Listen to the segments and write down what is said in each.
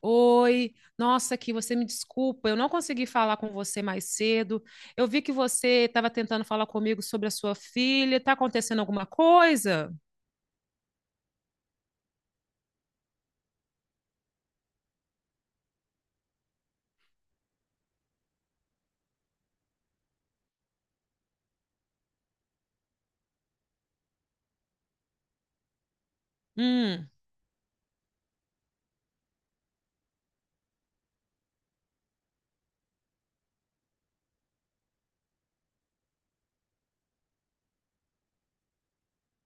Oi, nossa, aqui você me desculpa, eu não consegui falar com você mais cedo. Eu vi que você estava tentando falar comigo sobre a sua filha. Tá acontecendo alguma coisa? Hum,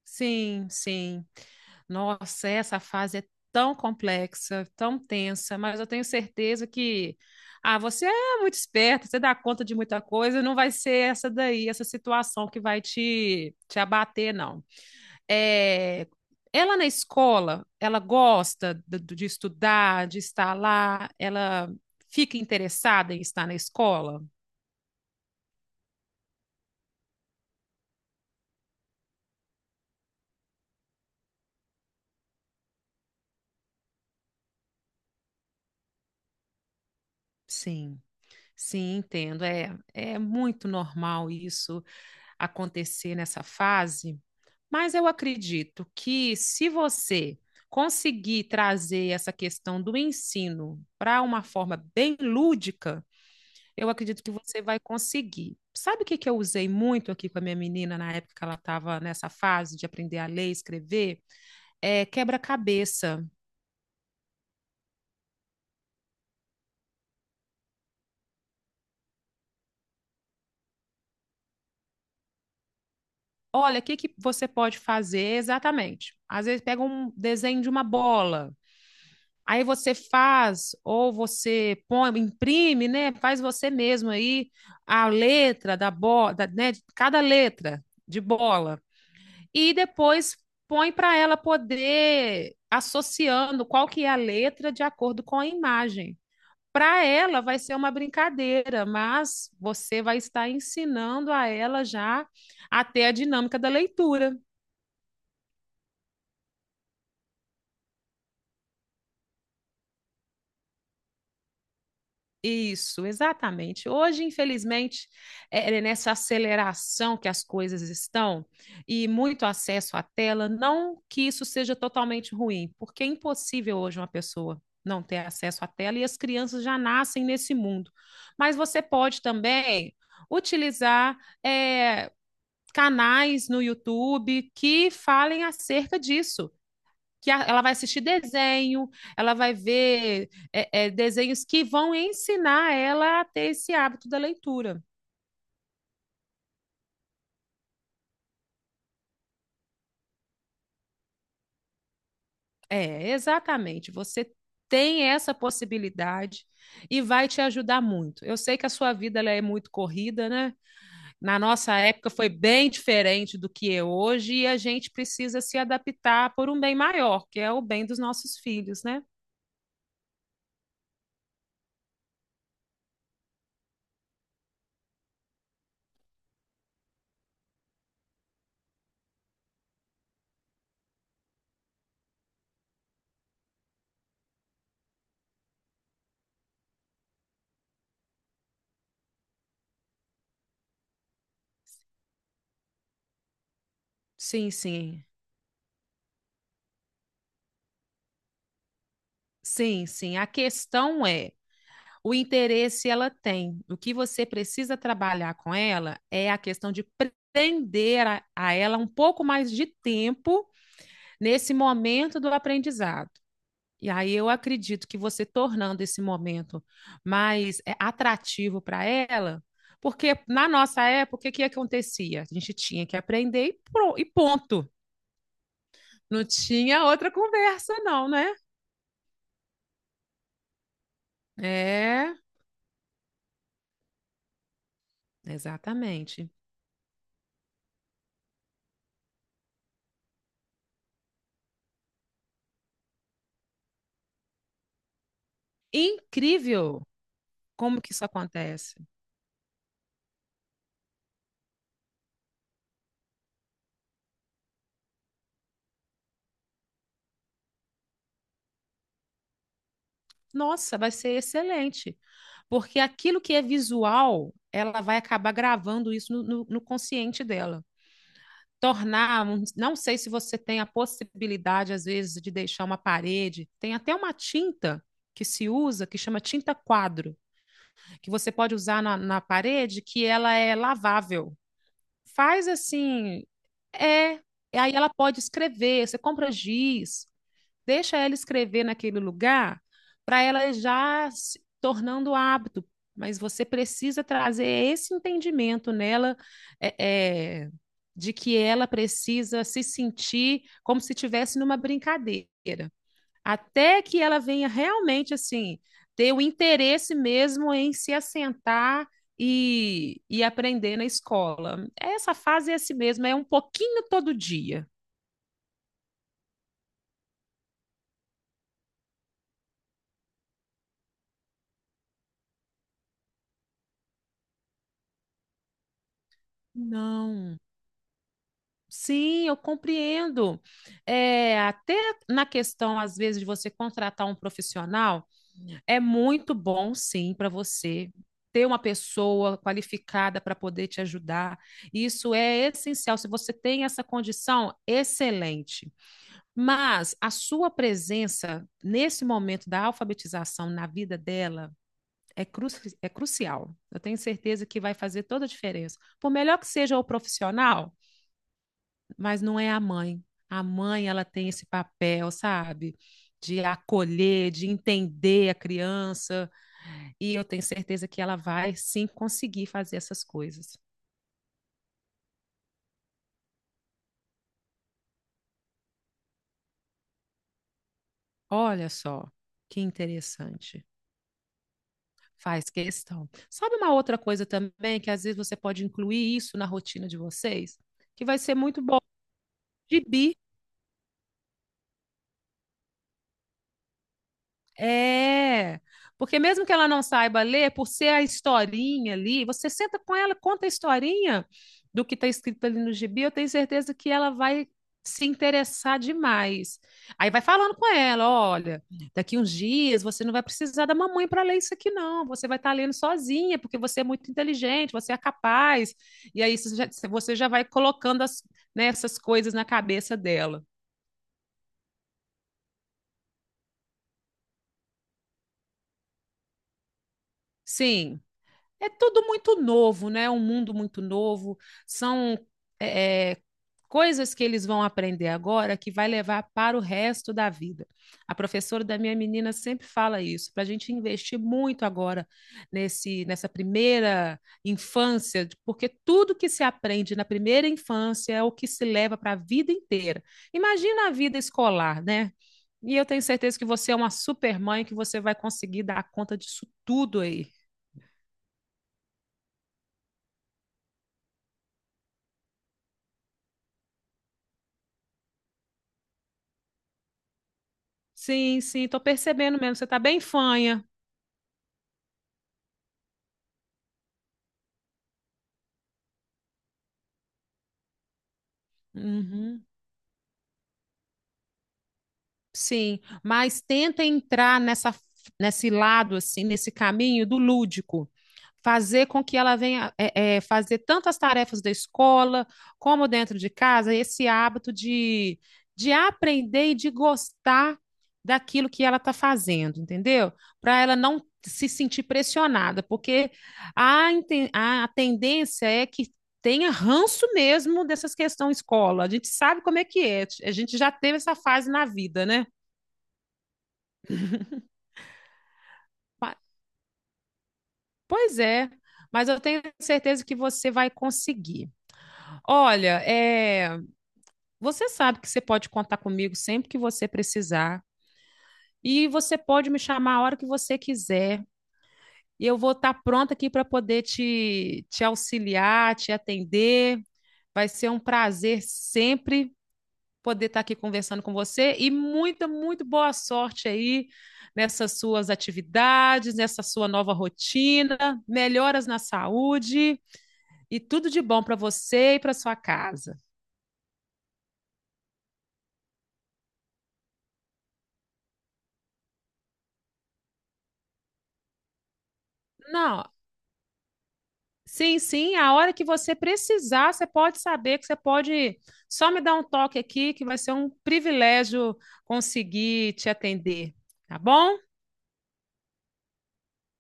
sim, sim. Nossa, essa fase é tão complexa, tão tensa, mas eu tenho certeza que você é muito esperta, você dá conta de muita coisa, não vai ser essa daí, essa situação que vai te abater, não. é, Ela na escola, ela gosta de estudar, de estar lá, ela fica interessada em estar na escola? Sim. Sim, entendo. É, é muito normal isso acontecer nessa fase, mas eu acredito que se você conseguir trazer essa questão do ensino para uma forma bem lúdica, eu acredito que você vai conseguir. Sabe o que que eu usei muito aqui com a minha menina na época que ela estava nessa fase de aprender a ler e escrever? É quebra-cabeça. Olha, o que que você pode fazer exatamente? Às vezes pega um desenho de uma bola, aí você faz, ou você põe, imprime, né? Faz você mesmo aí a letra da bola, né? Cada letra de bola. E depois põe para ela poder associando qual que é a letra de acordo com a imagem. Para ela vai ser uma brincadeira, mas você vai estar ensinando a ela já até a dinâmica da leitura. Isso, exatamente. Hoje, infelizmente, é nessa aceleração que as coisas estão e muito acesso à tela, não que isso seja totalmente ruim, porque é impossível hoje uma pessoa não ter acesso à tela e as crianças já nascem nesse mundo. Mas você pode também utilizar é, canais no YouTube que falem acerca disso que ela vai assistir desenho, ela vai ver desenhos que vão ensinar ela a ter esse hábito da leitura. É, exatamente. Você tem essa possibilidade e vai te ajudar muito. Eu sei que a sua vida ela é muito corrida, né? Na nossa época foi bem diferente do que é hoje e a gente precisa se adaptar por um bem maior, que é o bem dos nossos filhos, né? Sim, sim. Sim, sim. A questão é o interesse ela tem. O que você precisa trabalhar com ela é a questão de prender a ela um pouco mais de tempo nesse momento do aprendizado. E aí eu acredito que você tornando esse momento mais atrativo para ela, porque na nossa época, o que acontecia? A gente tinha que aprender e ponto. Não tinha outra conversa, não, né? É, exatamente. Incrível como que isso acontece. Nossa, vai ser excelente. Porque aquilo que é visual, ela vai acabar gravando isso no consciente dela. Não sei se você tem a possibilidade, às vezes, de deixar uma parede. Tem até uma tinta que se usa, que chama tinta quadro, que você pode usar na parede, que ela é lavável. Faz assim, é. E aí ela pode escrever, você compra giz, deixa ela escrever naquele lugar para ela já se tornando hábito. Mas você precisa trazer esse entendimento nela, é, é, de que ela precisa se sentir como se estivesse numa brincadeira, até que ela venha realmente assim ter o interesse mesmo em se assentar e aprender na escola. Essa fase é assim mesmo, é um pouquinho todo dia. Não, sim, eu compreendo. É, até na questão, às vezes, de você contratar um profissional, é muito bom, sim, para você ter uma pessoa qualificada para poder te ajudar. Isso é essencial. Se você tem essa condição, excelente. Mas a sua presença nesse momento da alfabetização na vida dela é, cru é crucial. Eu tenho certeza que vai fazer toda a diferença. Por melhor que seja o profissional, mas não é a mãe. A mãe, ela tem esse papel, sabe? De acolher, de entender a criança. E eu tenho certeza que ela vai sim conseguir fazer essas coisas. Olha só, que interessante. Faz questão. Sabe uma outra coisa também que às vezes você pode incluir isso na rotina de vocês, que vai ser muito bom? Gibi. É, porque mesmo que ela não saiba ler, por ser a historinha ali, você senta com ela, conta a historinha do que está escrito ali no gibi, eu tenho certeza que ela vai se interessar demais. Aí vai falando com ela, olha, daqui uns dias você não vai precisar da mamãe para ler isso aqui não, você vai estar lendo sozinha, porque você é muito inteligente, você é capaz. E aí você já vai colocando as, né, essas coisas na cabeça dela. Sim. É tudo muito novo, né? Um mundo muito novo. São é, é, coisas que eles vão aprender agora que vai levar para o resto da vida. A professora da minha menina sempre fala isso, para a gente investir muito agora nessa primeira infância, porque tudo que se aprende na primeira infância é o que se leva para a vida inteira. Imagina a vida escolar, né? E eu tenho certeza que você é uma super mãe, que você vai conseguir dar conta disso tudo aí. Sim, sim, tô percebendo mesmo. Você tá bem fanha. Uhum. Sim, mas tenta entrar nesse lado, assim, nesse caminho do lúdico. Fazer com que ela venha fazer tantas tarefas da escola como dentro de casa, esse hábito de aprender e de gostar daquilo que ela está fazendo, entendeu? Para ela não se sentir pressionada, porque a, inten- a tendência é que tenha ranço mesmo dessas questões escola. A gente sabe como é que é, a gente já teve essa fase na vida, né? Ma- Pois é, mas eu tenho certeza que você vai conseguir. Olha, é, você sabe que você pode contar comigo sempre que você precisar e você pode me chamar a hora que você quiser e eu vou estar pronta aqui para poder te auxiliar, te atender. Vai ser um prazer sempre poder estar aqui conversando com você e muito boa sorte aí nessas suas atividades, nessa sua nova rotina. Melhoras na saúde. E tudo de bom para você e para sua casa. Não, sim, sim, a hora que você precisar, você pode saber que você pode só me dar um toque aqui, que vai ser um privilégio conseguir te atender. Tá bom?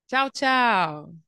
Tchau, tchau.